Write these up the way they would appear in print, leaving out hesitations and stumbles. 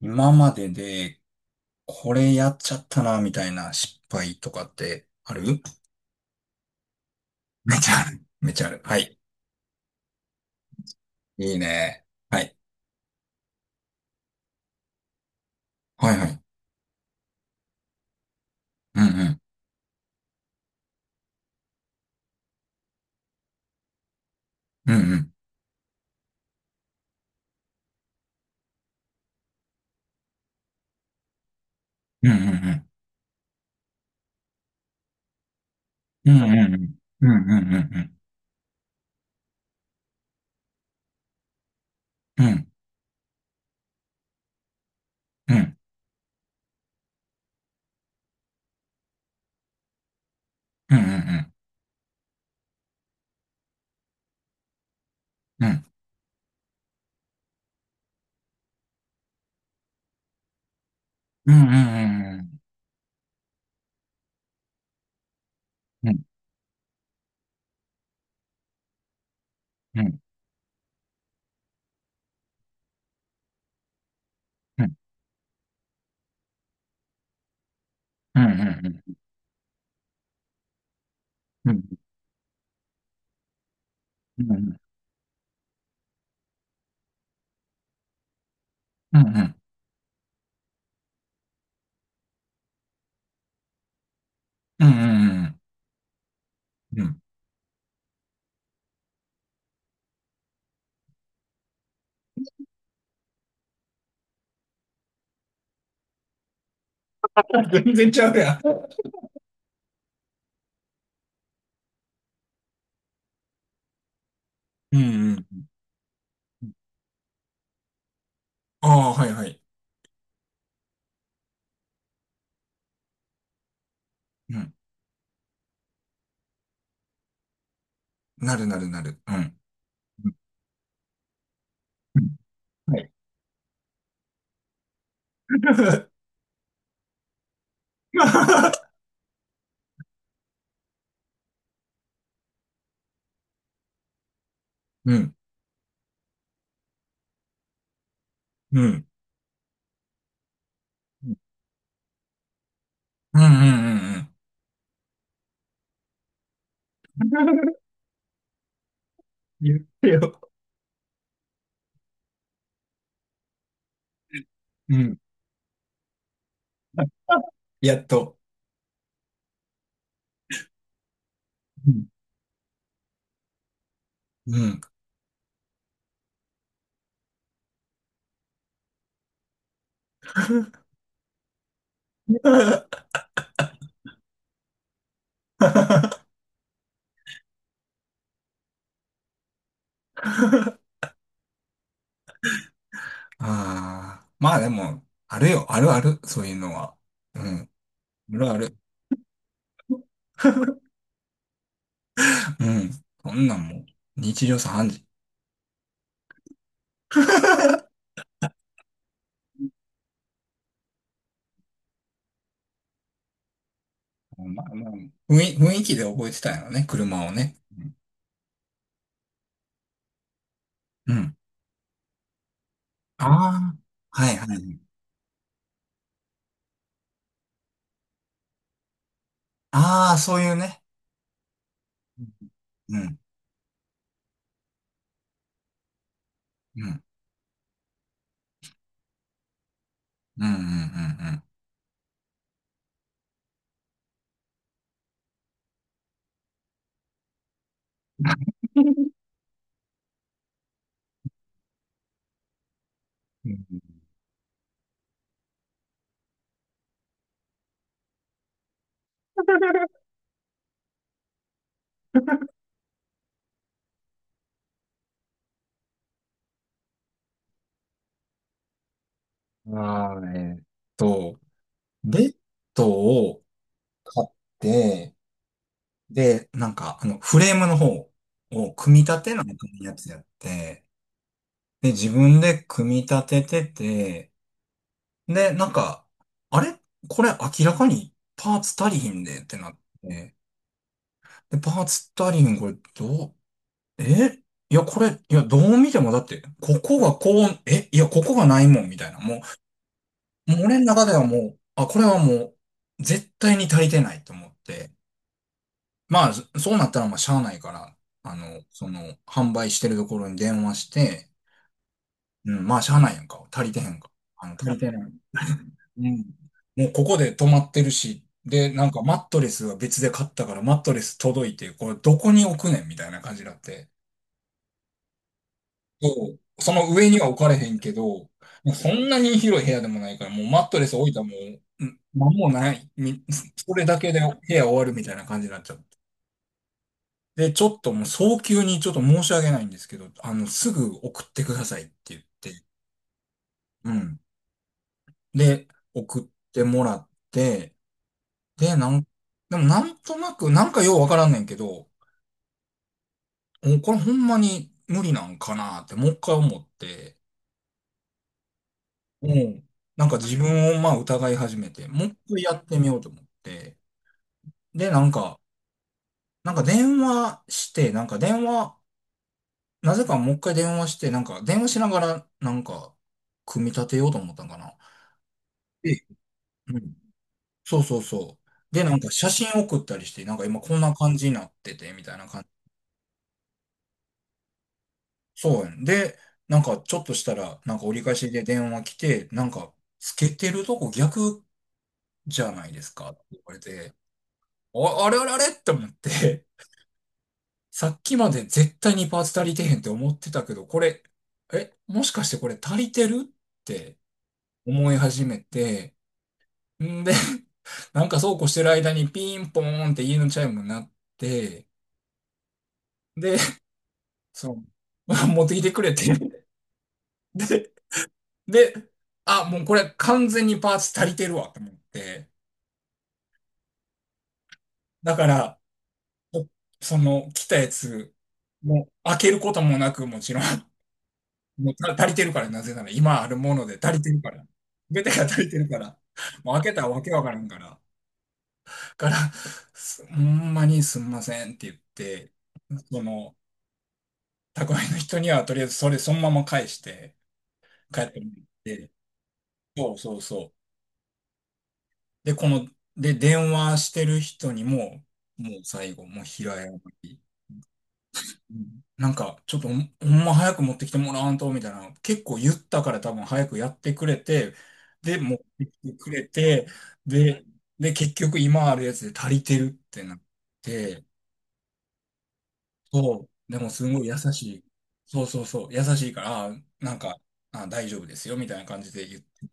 今までで、これやっちゃったな、みたいな失敗とかってある？めっちゃある。めっちゃある。はい。いいね。はい。はいはい。うんうん。うんうん。うんうんうん。うんうんうん。うんうんうん。うんうんうん。うんうんうん。うんうんうん。うんうんうん。うんうんうん。うんうんうんうんうんうんうん。全然ちゃうやん。うんうん。ああ、はいはい。うん。なるなるなる。うん。うん。はい。うん。うん。うんうんうんうん。言ってよ。うん。やっと。うん。うん。ああ。まあでも、あるよ。あるある。そういうのは。うん。あるある。うん。そんなんもう、日常茶飯事。まあまあ、雰囲気で覚えてたんやろね。車をね。うん。うん。ああ。はいはい。ああ、そういうね。うん。うん。うんうんうんうん。うん。あーえーっと、ベッドを買って、で、なんか、あの、フレームの方を組み立てないといやつやって、で、自分で組み立ててて、で、なんか、あれこれ明らかにパーツ足りひんでってなって、で、パーツ足りひんこれどう、えいや、これ、いや、どう見てもだって、ここがこう、えいや、ここがないもん、みたいな。もう、俺の中ではもう、あ、これはもう、絶対に足りてないと思って、まあ、そうなったらまあ、しゃあないから、あの、その、販売してるところに電話して、うん、まあ、しゃあないやんか。足りてへんか。足りてない。うん。もう、ここで止まってるし、で、なんか、マットレスは別で買ったから、マットレス届いて、これ、どこに置くねんみたいな感じになって。そう、その上には置かれへんけど、もうそんなに広い部屋でもないから、もうマットレス置いたらもう、んなんもない。それだけで部屋終わるみたいな感じになっちゃって。で、ちょっともう早急にちょっと申し訳ないんですけど、あの、すぐ送ってくださいって言って、うん。で、送ってもらって、で、なん、でもなんとなく、なんかようわからんねんけど、もうこれほんまに無理なんかなってもう一回思って、うん。なんか自分をまあ疑い始めて、もう一回やってみようと思って。で、なんか、なんか電話して、なんか電話、なぜかもう一回電話して、なんか電話しながら、なんか、組み立てようと思ったんかな。で、うん。そうそうそう。で、なんか写真送ったりして、なんか今こんな感じになってて、みたいな感じ。そうやん。で、なんかちょっとしたら、なんか折り返しで電話来て、なんか、つけてるとこ逆じゃないですかって言われて、あ、あれあれあれって思って、さっきまで絶対にパーツ足りてへんって思ってたけど、これ、え、もしかしてこれ足りてるって思い始めて、んで、なんかそうこうしてる間にピンポーンって家のチャイムになって、で、その、持ってきてくれて、で、で、あ、もうこれ完全にパーツ足りてるわと思って、だから、おその、来たやつ、もう開けることもなく、もちろんもうた足りてるから、なぜなら、今あるもので足りてるから。全てが足りてるから。もう開けたらわけわからんから。から、すほんまにすんませんって言って、その、宅配の人にはとりあえずそれそのまま返して帰ってもらって、そうそうそう。で、で、電話してる人にも、もう最後、もう平謝り。なんか、ちょっとほんま早く持ってきてもらわんと、みたいな。結構言ったから多分早くやってくれて、で、持ってきてくれて、で、結局今あるやつで足りてるってなって、そう、でもすごい優しい。そうそうそう、優しいから、あ、なんか、あ、大丈夫ですよ、みたいな感じで言って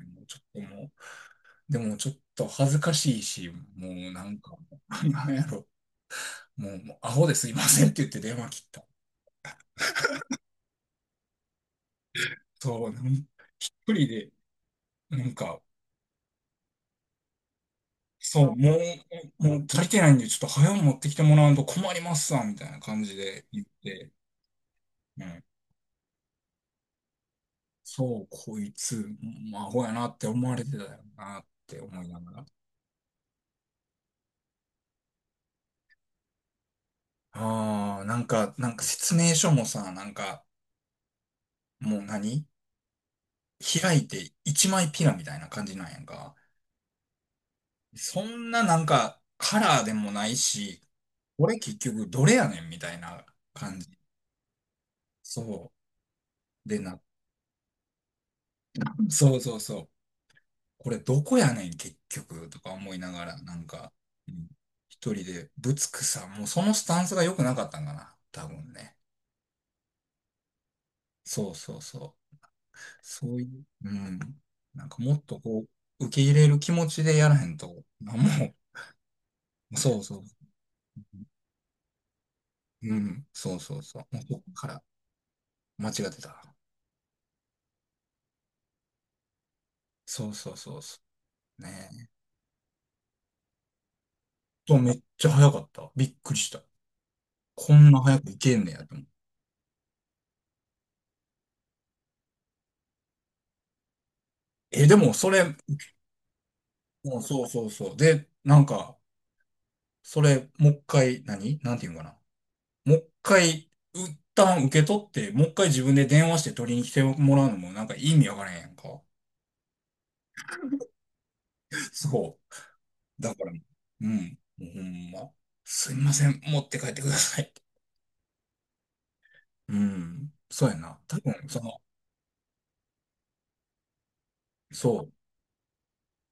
も、もうちょっともう、でもちょっと恥ずかしいし、もうなんか、なんやろ、もう、もうアホですいませんって言って電話切った。そう、一人で、なんか、そう、もう、もう足りてないんで、ちょっと早う持ってきてもらわんと困りますわ、みたいな感じで言って、うん。そう、こいつ、まあ、アホやなって思われてたよなって思いながら。ああ、なんか説明書もさ、なんか、もう何開いて一枚ピラみたいな感じなんやんか。そんななんか、カラーでもないし、これ結局どれやねんみたいな感じ。そう。でな、そうそうそう。これどこやねん、結局、とか思いながら、なんか、うん、一人で、ぶつくさ、もうそのスタンスが良くなかったんかな、多分ね。そうそうそう。そういう、うん。なんかもっとこう、受け入れる気持ちでやらへんと、なんも、そうそう。うん、そうそうそう。もうこっから、間違ってた。そうそうそうそう。ねえ。めっちゃ早かった。びっくりした。こんな早くいけんねやと思う。え、でもそれ、もうそうそうそう。で、なんか、それ、もう一回、何なんていうんかな。もう一回、一旦受け取って、もう一回自分で電話して取りに来てもらうのもなんか意味わからへんやんか。そう。だから、うん。もうほんま。すいません、持って帰ってください。うん。そうやな。多分、その、そ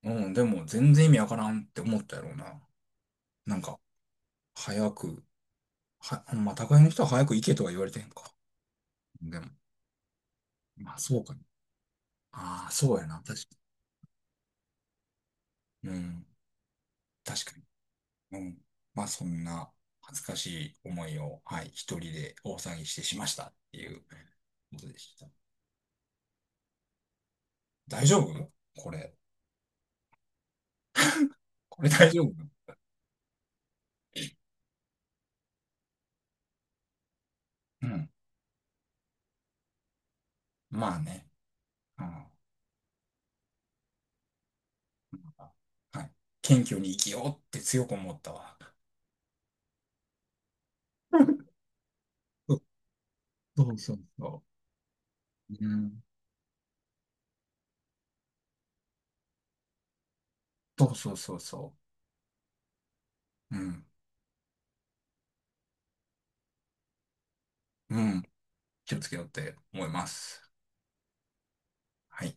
う。うん、でも全然意味わからんって思ったやろうな。なんか、早く、ほんま、宅配の人は早く行けとは言われてへんか。でも、まあ、そうか。ああ、そうやな。確かに。うん。確かに。うん。まあ、そんな恥ずかしい思いを、はい、一人で大騒ぎしてしましたっていうことでした。大丈夫これ？これ大丈夫？うん。まあね。うん。はい。謙虚に生きようって強く思ったわ。そうそうそうそう。うん。そうそうそうそう。うん。うん。気をつけようって思います。はい。